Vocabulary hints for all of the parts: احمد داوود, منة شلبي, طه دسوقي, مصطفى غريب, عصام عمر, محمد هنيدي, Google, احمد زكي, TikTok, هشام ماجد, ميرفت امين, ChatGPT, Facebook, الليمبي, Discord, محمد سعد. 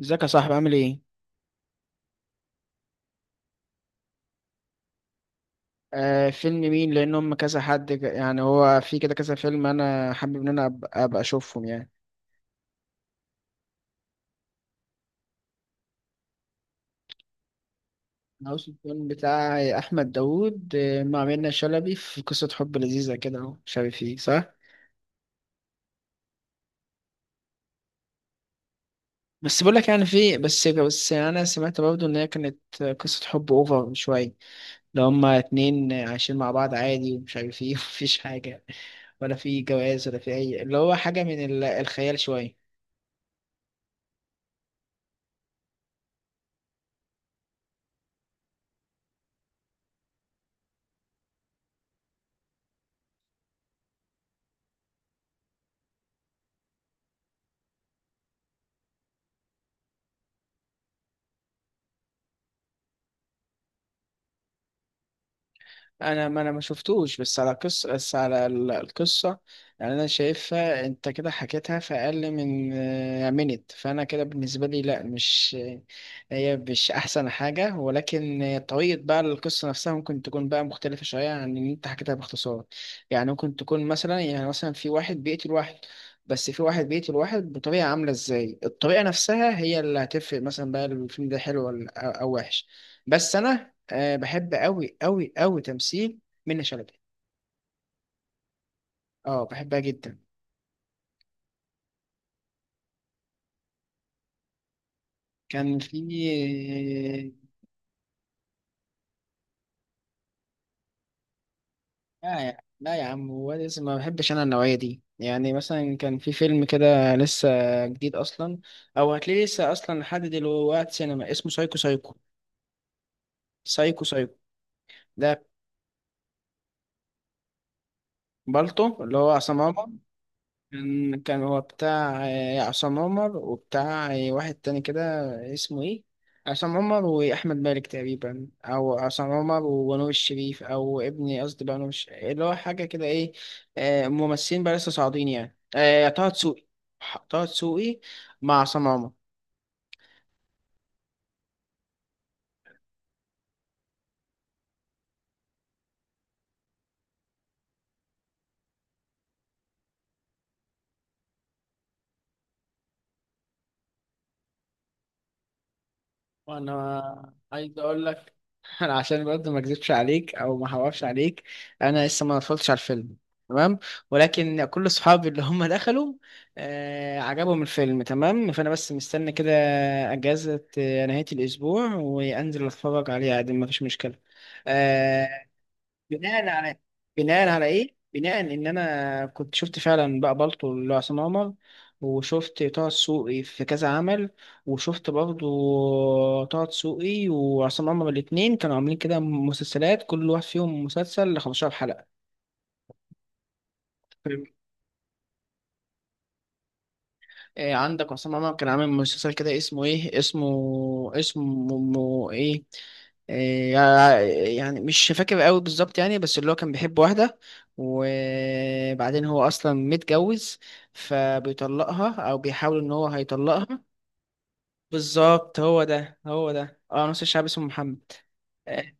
ازيك يا صاحبي عامل ايه؟ فيلم مين؟ لان هم كذا حد يعني هو في كده كذا فيلم، انا حابب ان انا ابقى اشوفهم يعني. عاوز الفيلم بتاع احمد داوود، مع منة شلبي في قصة حب لذيذة كده، اهو شبه فيه صح؟ بس بقول لك يعني في بس بس انا سمعت برضه ان هي كانت قصة حب اوفر شوية. لو هما اتنين عايشين مع بعض عادي ومش عارف ايه ومفيش حاجة، ولا في جواز ولا في اي، اللي هو حاجة من الخيال شوية. انا ما شفتوش، بس على قصة، بس على القصة. يعني انا شايفها، انت كده حكيتها في اقل من منت، فانا كده بالنسبة لي لا، مش هي مش احسن حاجة، ولكن طريقة بقى القصة نفسها ممكن تكون بقى مختلفة شوية عن اللي انت حكيتها باختصار. يعني ممكن تكون مثلا في واحد بيقتل واحد، بس في واحد بيقتل واحد بطريقة، عاملة ازاي الطريقة نفسها هي اللي هتفرق، مثلا بقى الفيلم ده حلو ولا أو وحش. بس انا بحب أوي أوي أوي تمثيل منة شلبي. اه بحبها جدا. كان في. لا يا لا يا عم، هو لازم ما بحبش أنا النوعية دي. يعني مثلا كان في فيلم كده لسه جديد أصلا، أو هتلاقيه لسه أصلا لحد دلوقتي سينما، اسمه سايكو سايكو، سايكو سايكو ده. بالطو اللي هو عصام. كان هو بتاع عصام عمر، وبتاع واحد تاني كده، اسمه ايه؟ عصام عمر واحمد مالك تقريبا، او عصام عمر ونور الشريف، او ابني قصدي بقى اللي هو حاجه كده ايه، ممثلين بقى لسه صاعدين يعني، طه دسوقي، طه دسوقي مع عصام عمر. وانا عايز اقول لك انا عشان برضه ما اكذبش عليك او ما احورش عليك، انا لسه ما اتفرجتش على الفيلم. تمام. ولكن كل صحابي اللي هم دخلوا عجبهم الفيلم، تمام. فانا بس مستني كده اجازة نهاية الاسبوع، وانزل اتفرج عليه عادي، ما فيش مشكلة آه، بناء على بناء على ايه بناء ان انا كنت شفت فعلا بقى بالطو لعصام عمر، وشفت طه دسوقي في كذا عمل، وشفت برضو طه دسوقي وعصام عمر الاتنين كانوا عاملين كده مسلسلات، كل واحد فيهم مسلسل 15 حلقة. إيه؟ عندك عصام عمر كان عامل مسلسل كده، اسمه ايه إيه يعني مش فاكر قوي بالظبط يعني، بس اللي هو كان بيحب واحدة، وبعدين هو اصلا متجوز، فبيطلقها او بيحاول ان هو هيطلقها. بالظبط، هو ده نص الشعب اسمه محمد. إيه،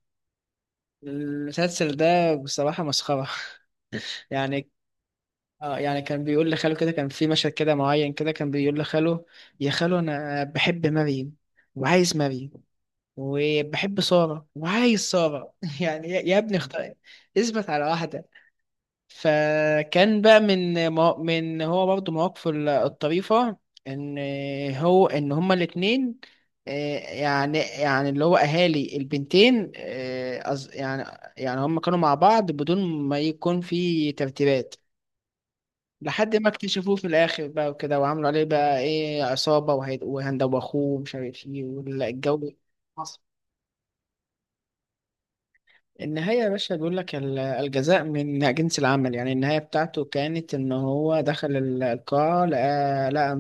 المسلسل ده بصراحة مسخرة. يعني اه، يعني كان بيقول لخاله كده، كان في مشهد كده معين كده، كان بيقول لخاله: يا خاله انا بحب مريم وعايز مريم، وبحب سارة وعايز سارة. يعني يا ابني اختار، اثبت على واحدة. فكان بقى من هو برضه مواقفه الطريفة، ان ان هما الاتنين، آه، يعني اللي هو اهالي البنتين، يعني هما كانوا مع بعض بدون ما يكون في ترتيبات، لحد ما اكتشفوه في الاخر بقى وكده، وعملوا عليه بقى ايه عصابه، وهند واخوه ومش عارف ايه والجو. النهاية يا باشا، بيقول لك الجزاء من جنس العمل. يعني النهاية بتاعته كانت، إن هو دخل القاعة، لقى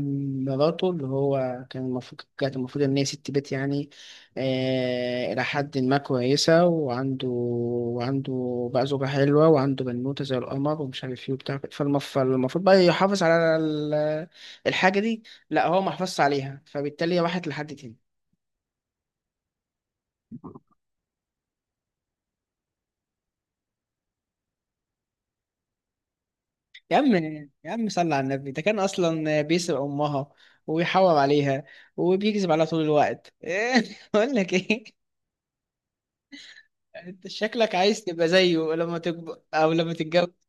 مراته، اللي هو كانت المفروض إن هي ست بيت يعني، إلى حد ما كويسة، وعنده بقى زوجة حلوة، وعنده بنوتة زي القمر ومش عارف إيه وبتاع، فالمفروض بقى يحافظ على الحاجة دي. لأ هو ما حافظش عليها، فبالتالي هي راحت لحد تاني. يا عم، يا عم، صل على النبي، ده كان اصلا بيسرق امها، ويحور عليها، وبيكذب عليها طول الوقت. إيه؟ اقول لك ايه، انت شكلك عايز تبقى زيه لما تكبر او لما تتجوز.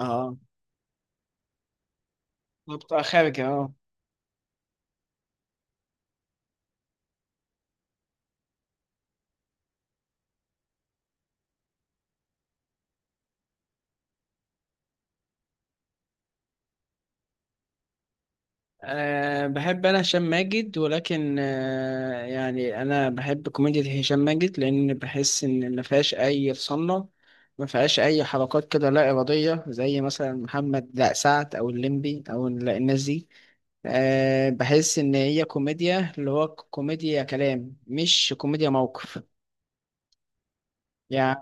اه، بتبقى خارج، اه. بحب أنا هشام ماجد، ولكن يعني أنا بحب كوميديا هشام ماجد، لأن بحس إن ما فيهاش أي صنة، ما فيهاش أي حركات كده لا إرادية، زي مثلا محمد لا سعد، أو الليمبي، أو الناس دي. بحس إن هي كوميديا اللي هو كوميديا كلام مش كوميديا موقف. يعني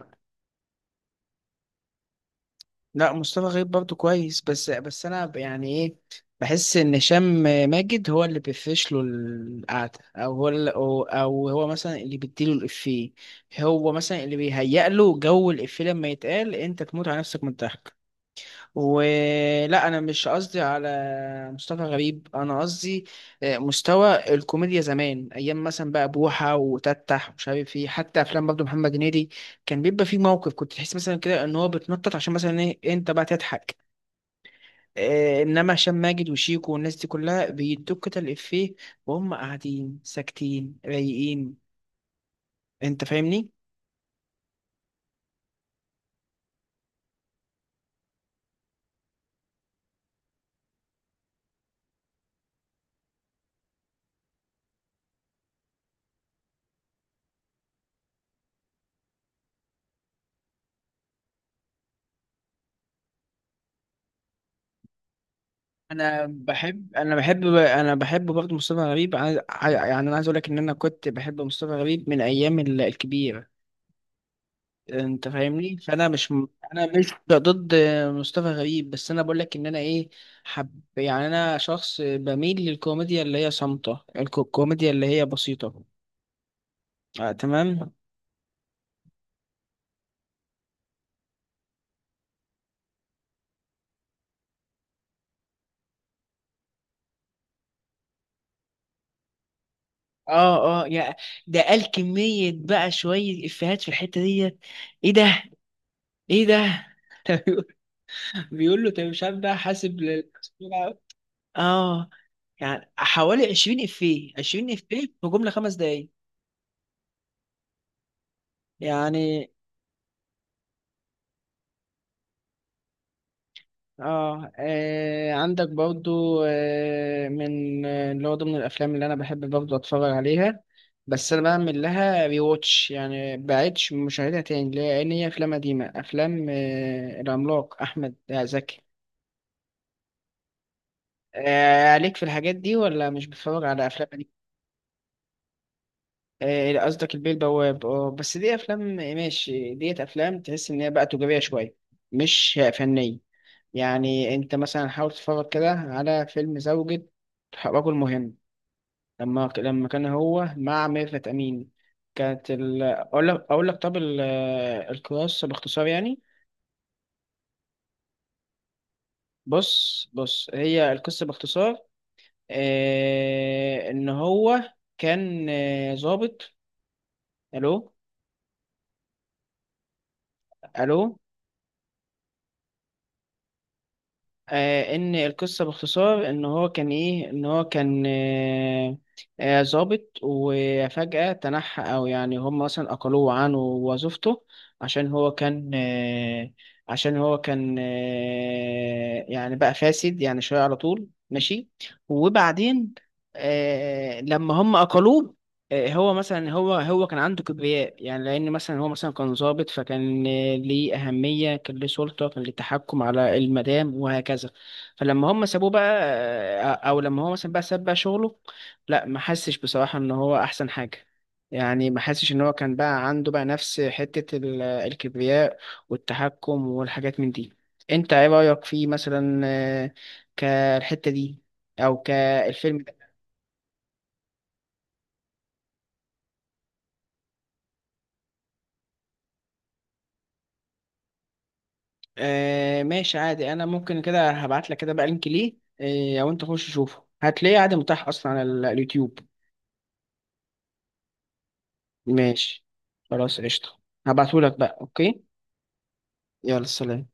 لا، مصطفى غريب برضه كويس، بس يعني ايه، بحس ان هشام ماجد هو اللي بيفرش له القعده، او هو مثلا اللي بيديله الافيه، هو مثلا اللي بيهيأ له جو الافيه لما يتقال انت تموت على نفسك من الضحك. ولا انا مش قصدي على مصطفى غريب، انا قصدي مستوى الكوميديا زمان، ايام مثلا بقى بوحه وتتح ومش عارف ايه، حتى افلام برضه محمد هنيدي كان بيبقى فيه موقف كنت تحس مثلا كده ان هو بتنطط عشان مثلا ايه انت بقى تضحك. إيه، انما هشام ماجد وشيكو والناس دي كلها بيدوك كده الافيه، وهم قاعدين ساكتين رايقين، انت فاهمني. انا بحب برضه مصطفى غريب، يعني انا عايز اقول لك ان انا كنت بحب مصطفى غريب من ايام الكبير، انت فاهمني. فانا مش م- انا مش ضد مصطفى غريب، بس انا بقول لك ان انا ايه حب، يعني انا شخص بميل للكوميديا اللي هي صامتة، الكوميديا اللي هي بسيطة. آه تمام. اه اه يا، ده قال كمية بقى شوية افيهات في الحتة ديت. ايه ده، ايه ده. بيقول له انت مش عارف بقى، حاسب اه، يعني حوالي 20 افيه، 20 افيه في جمله خمس دقايق يعني. عندك برضو من اللي هو ضمن الافلام اللي انا بحب برضو اتفرج عليها، بس انا بعمل لها ريواتش، يعني بعدش مشاهدها تاني، لان هي افلام قديمه، افلام العملاق احمد زكي. آه عليك في الحاجات دي، ولا مش بتتفرج على افلام؟ آه، قصدك البيه البواب. اه، بس دي افلام ماشي، ديت افلام تحس ان هي بقى تجاريه شويه مش فنيه. يعني انت مثلا حاول تتفرج كده على فيلم زوجة رجل مهم، لما كان هو مع ميرفت امين. كانت اقول لك، طب القصه باختصار يعني، بص بص، هي القصه باختصار، ان هو كان ظابط. الو، الو. ان القصه باختصار، ان هو كان ايه ان هو كان آه، آه، ضابط، وفجاه تنحى، او يعني هم مثلا اقلوه عنه وظيفته، عشان هو كان آه، عشان هو كان يعني بقى فاسد يعني شويه على طول ماشي. وبعدين لما هم اقلوه، هو مثلا هو كان عنده كبرياء، يعني لان مثلا هو مثلا كان ضابط، فكان ليه اهميه، كان ليه سلطه، كان ليه تحكم على المدام وهكذا. فلما هم سابوه بقى، او لما هو مثلا بقى ساب بقى شغله، لا ما حسش بصراحه ان هو احسن حاجه، يعني ما حسش ان هو كان بقى عنده بقى نفس حته الكبرياء والتحكم والحاجات من دي. انت ايه رايك فيه مثلا، كالحته دي او كالفيلم؟ آه ماشي عادي، انا ممكن كده هبعت لك كده بقى لينك ليه، او انت خش شوفه هتلاقيه عادي متاح اصلا على اليوتيوب. ماشي خلاص قشطة، هبعته لك بقى اوكي. يلا سلام.